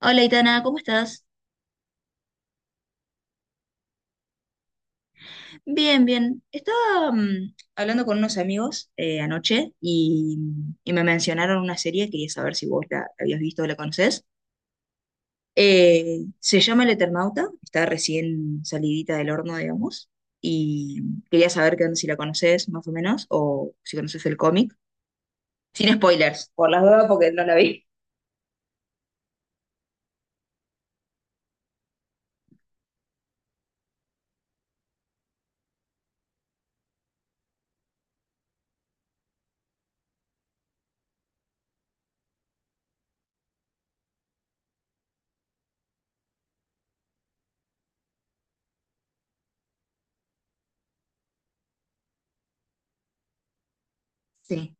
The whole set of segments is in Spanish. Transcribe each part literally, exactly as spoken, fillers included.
Hola, Itana, ¿cómo estás? Bien, bien. Estaba mm, hablando con unos amigos, eh, anoche, y, y me mencionaron una serie. Quería saber si vos la, la habías visto o la conocés. Eh, se llama El Eternauta, está recién salidita del horno, digamos, y quería saber qué onda, si la conocés más o menos, o si conoces el cómic. Sin spoilers, por las dudas, porque no la vi. Sí,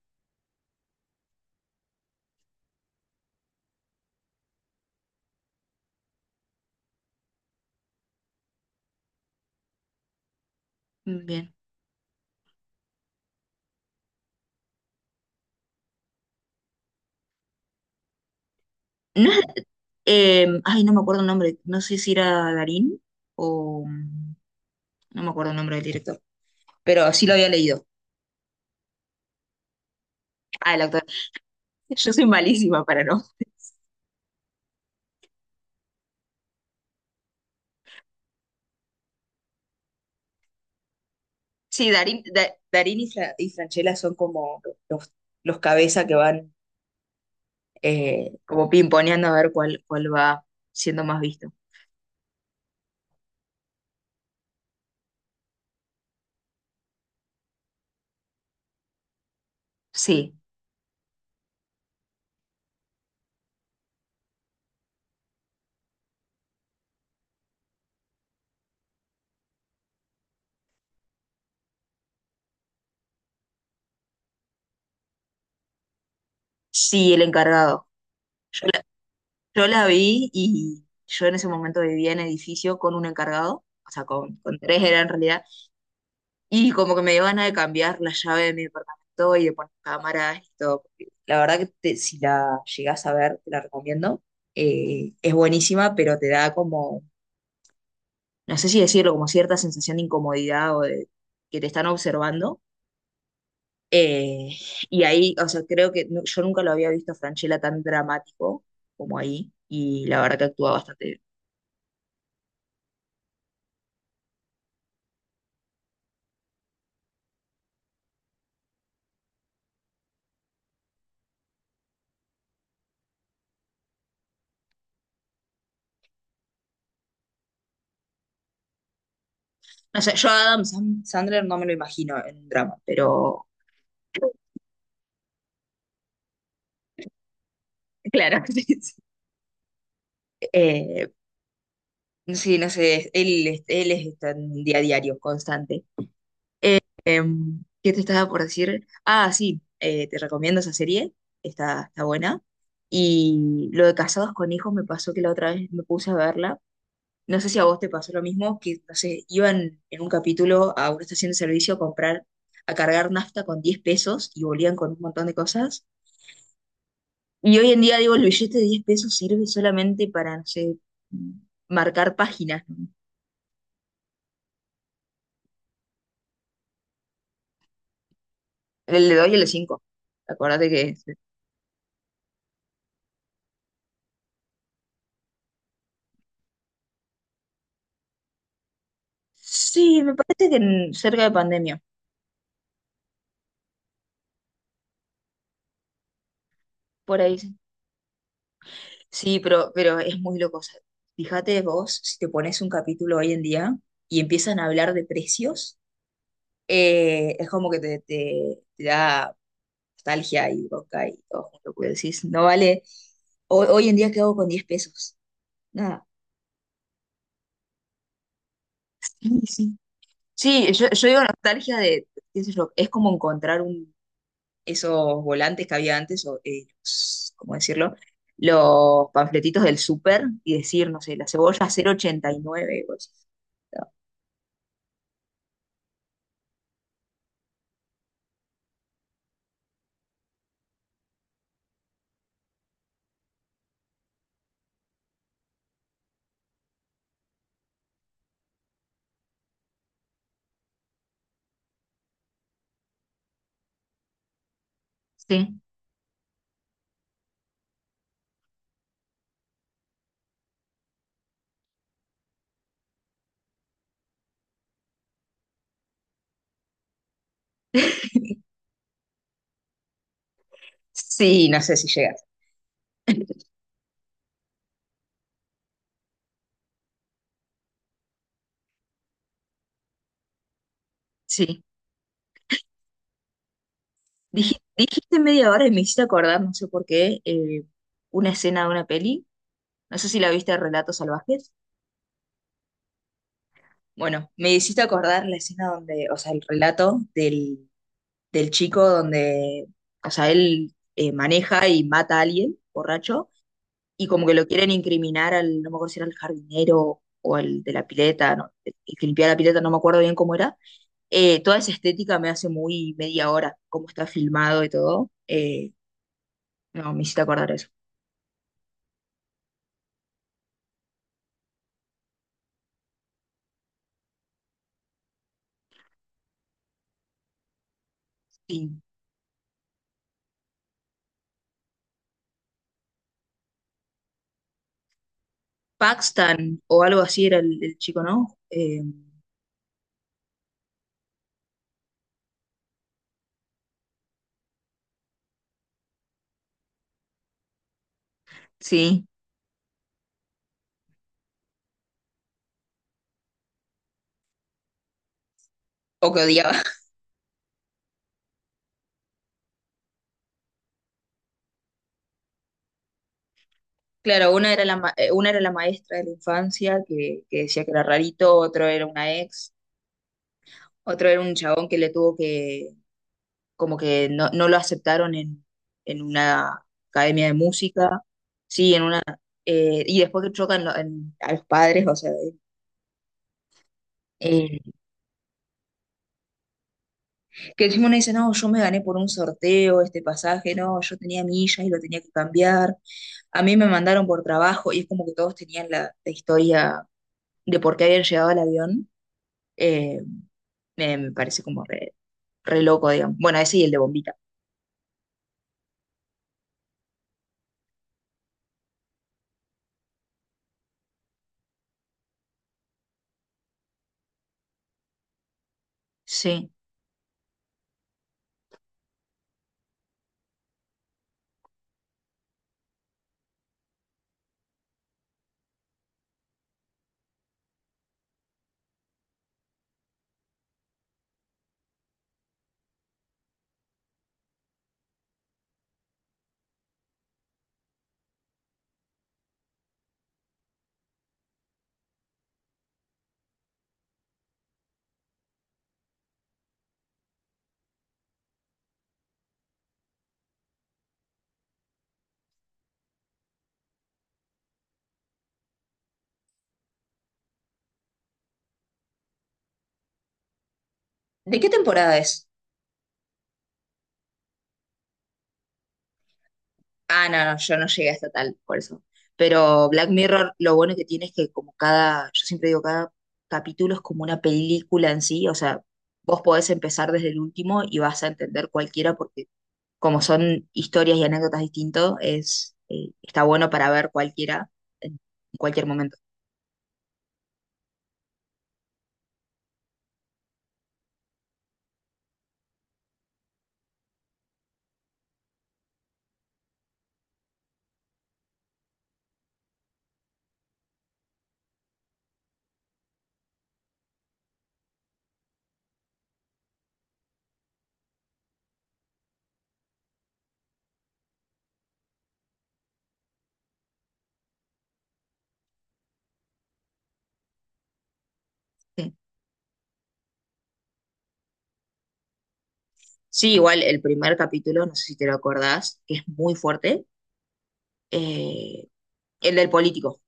bien. No es- eh, ay, no me acuerdo el nombre, no sé si era Darín o... mm, no me acuerdo el nombre del director, pero sí lo había leído. Ah, el autor. Yo soy malísima para no. Sí, Darín, Da- Darín y, Fra- y Franchella son como los, los cabeza que van, eh, como pimponeando a ver cuál, cuál va siendo más visto. Sí, sí, el encargado. Yo la, yo la vi, y yo en ese momento vivía en edificio con un encargado, o sea, con, con tres era en realidad. Y como que me dio ganas de cambiar la llave de mi departamento y de poner cámaras y todo, porque la verdad que, te- si la llegás a ver, te la recomiendo. Eh, es buenísima, pero te da como, no sé si decirlo, como cierta sensación de incomodidad o de que te están observando. Eh, y ahí, o sea, creo que nu- yo nunca lo había visto a Franchella tan dramático como ahí. Y la verdad que actúa bastante bien. No sé, yo a Adam Sand- Sandler no me lo imagino en un drama, pero claro. Sí, sí. Eh, Sí, no sé, él, él es está en día a diario, constante. Em, ¿qué te estaba por decir? Ah, sí, eh, te recomiendo esa serie, está, está buena. Y lo de Casados con Hijos me pasó que la otra vez me puse a verla. No sé si a vos te pasó lo mismo, que, no sé, iban en un capítulo a una estación de servicio a comprar, a cargar nafta con diez pesos y volvían con un montón de cosas. Y hoy en día, digo, el billete de diez pesos sirve solamente para, no sé, marcar páginas, ¿no? El de dos y el de cinco. Acuérdate que. Sí, me parece que, en- cerca de pandemia, por ahí. Sí. Sí, pero, pero es muy loco, o sea, fíjate vos, si te pones un capítulo hoy en día y empiezan a hablar de precios, eh, es como que te, te- te da nostalgia y boca y todo junto, porque decís, no vale. ho- Hoy en día, ¿qué hago con diez pesos? Nada. Sí, sí. Sí, yo, yo digo nostalgia de, qué sé yo, es como encontrar un, esos volantes que había antes, o, eh, los- ¿cómo decirlo? Los panfletitos del súper y decir, no sé, la cebolla cero coma ochenta y nueve. Y nueve. Y vos decís, "No". Sí, sí, no sé si llegas. Sí. Dij- dijiste media hora y me hiciste acordar, no sé por qué, eh, una escena de una peli. No sé si la viste, de Relatos Salvajes. Bueno, me hiciste acordar la escena donde, o sea, el relato del, del chico, donde, o sea, él eh, maneja y mata a alguien borracho, y como que lo quieren incriminar al, no me acuerdo si era el jardinero o al de la pileta, no, el que limpiaba la pileta, no me acuerdo bien cómo era. Eh, toda esa estética me hace muy media hora, cómo está filmado y todo. Eh, no, me hiciste acordar eso. Sí. Paxton o algo así era el, el chico, ¿no? Eh, sí, o que odiaba. Claro, una era la, ma- eh, una era la maestra de la infancia, que, que decía que era rarito, otro era una ex, otro era un chabón que, le tuvo que, como que no, no lo aceptaron en, en una academia de música, sí, en una... eh, y después que chocan, lo- en- a los padres, o sea, eh, que encima uno dice, no, yo me gané por un sorteo este pasaje, no, yo tenía millas y lo tenía que cambiar, a mí me mandaron por trabajo, y es como que todos tenían la, la historia de por qué habían llegado al avión. eh, me, me parece como re, re loco, digamos. Bueno, ese y el de Bombita. Sí. ¿De qué temporada es? Ah, no, no, yo no llegué hasta tal, por eso. Pero Black Mirror, lo bueno que tiene es que, como cada, yo siempre digo, cada capítulo es como una película en sí, o sea, vos podés empezar desde el último y vas a entender cualquiera, porque como son historias y anécdotas distintos, es, eh, está bueno para ver cualquiera en cualquier momento. Sí. Sí, igual el primer capítulo, no sé si te lo acordás, que es muy fuerte, eh, el del político.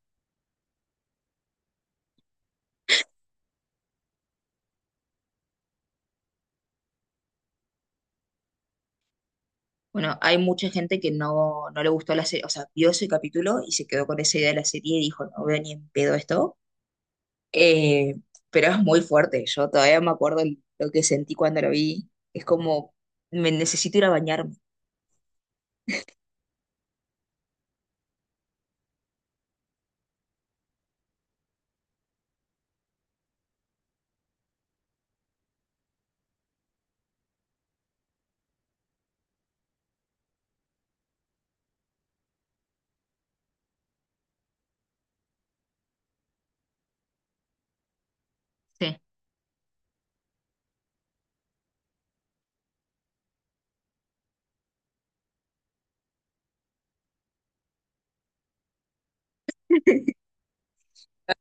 Bueno, hay mucha gente que no, no le gustó la serie, o sea, vio ese capítulo y se quedó con esa idea de la serie y dijo, no veo ni en pedo esto. Eh, pero es muy fuerte, yo todavía me acuerdo el- lo que sentí cuando lo vi. Es como, me necesito ir a bañarme. Sí.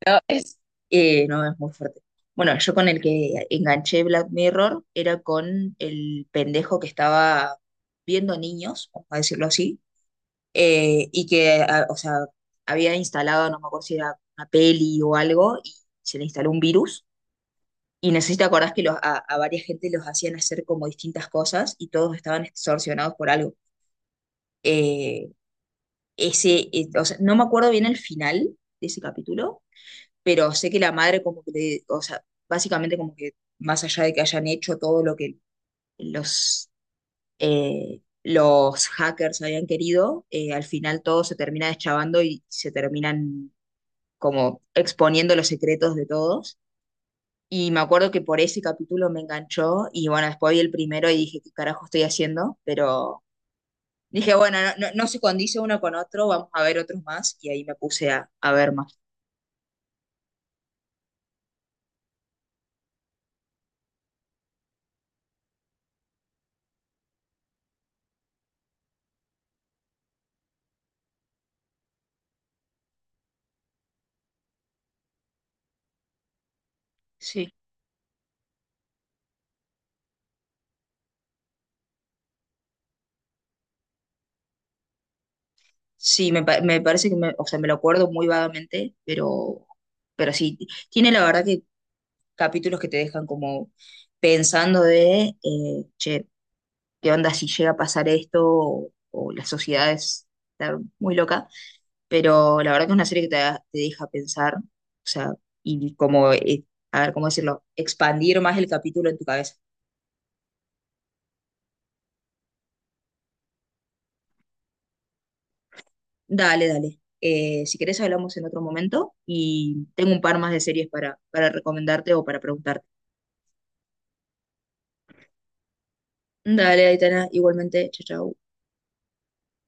No, es, eh, no, es muy fuerte. Bueno, yo con el que enganché Black Mirror era con el pendejo que estaba viendo niños, vamos a decirlo así, eh, y que, a- o sea, había instalado, no me acuerdo si era una peli o algo, y se le instaló un virus. Y necesito acordás que los, a, a varias gente los hacían hacer como distintas cosas, y todos estaban extorsionados por algo. Eh, Ese, eh, o sea, no me acuerdo bien el final de ese capítulo, pero sé que la madre como que, le- o sea, básicamente como que, más allá de que hayan hecho todo lo que los, eh, los hackers habían querido, eh, al final todo se termina deschavando y se terminan como exponiendo los secretos de todos. Y me acuerdo que por ese capítulo me enganchó y, bueno, después vi el primero y dije, ¿qué carajo estoy haciendo? Pero dije, bueno, no, no, no se condice uno con otro, vamos a ver otros más, y ahí me puse a, a ver más. Sí, sí, me, pa- me parece que, me, o sea, me lo acuerdo muy vagamente, pero, pero sí, tiene la verdad que capítulos que te dejan como pensando de, eh, che, ¿qué onda si llega a pasar esto, o, o la sociedad es está muy loca? Pero la verdad que es una serie que, te, da- te deja pensar, o sea, y como, eh, a ver, ¿cómo decirlo? Expandir más el capítulo en tu cabeza. Dale, dale. Eh, si querés hablamos en otro momento, y tengo un par más de series para, para recomendarte o para preguntarte. Dale, Aitana, igualmente, chao, chao.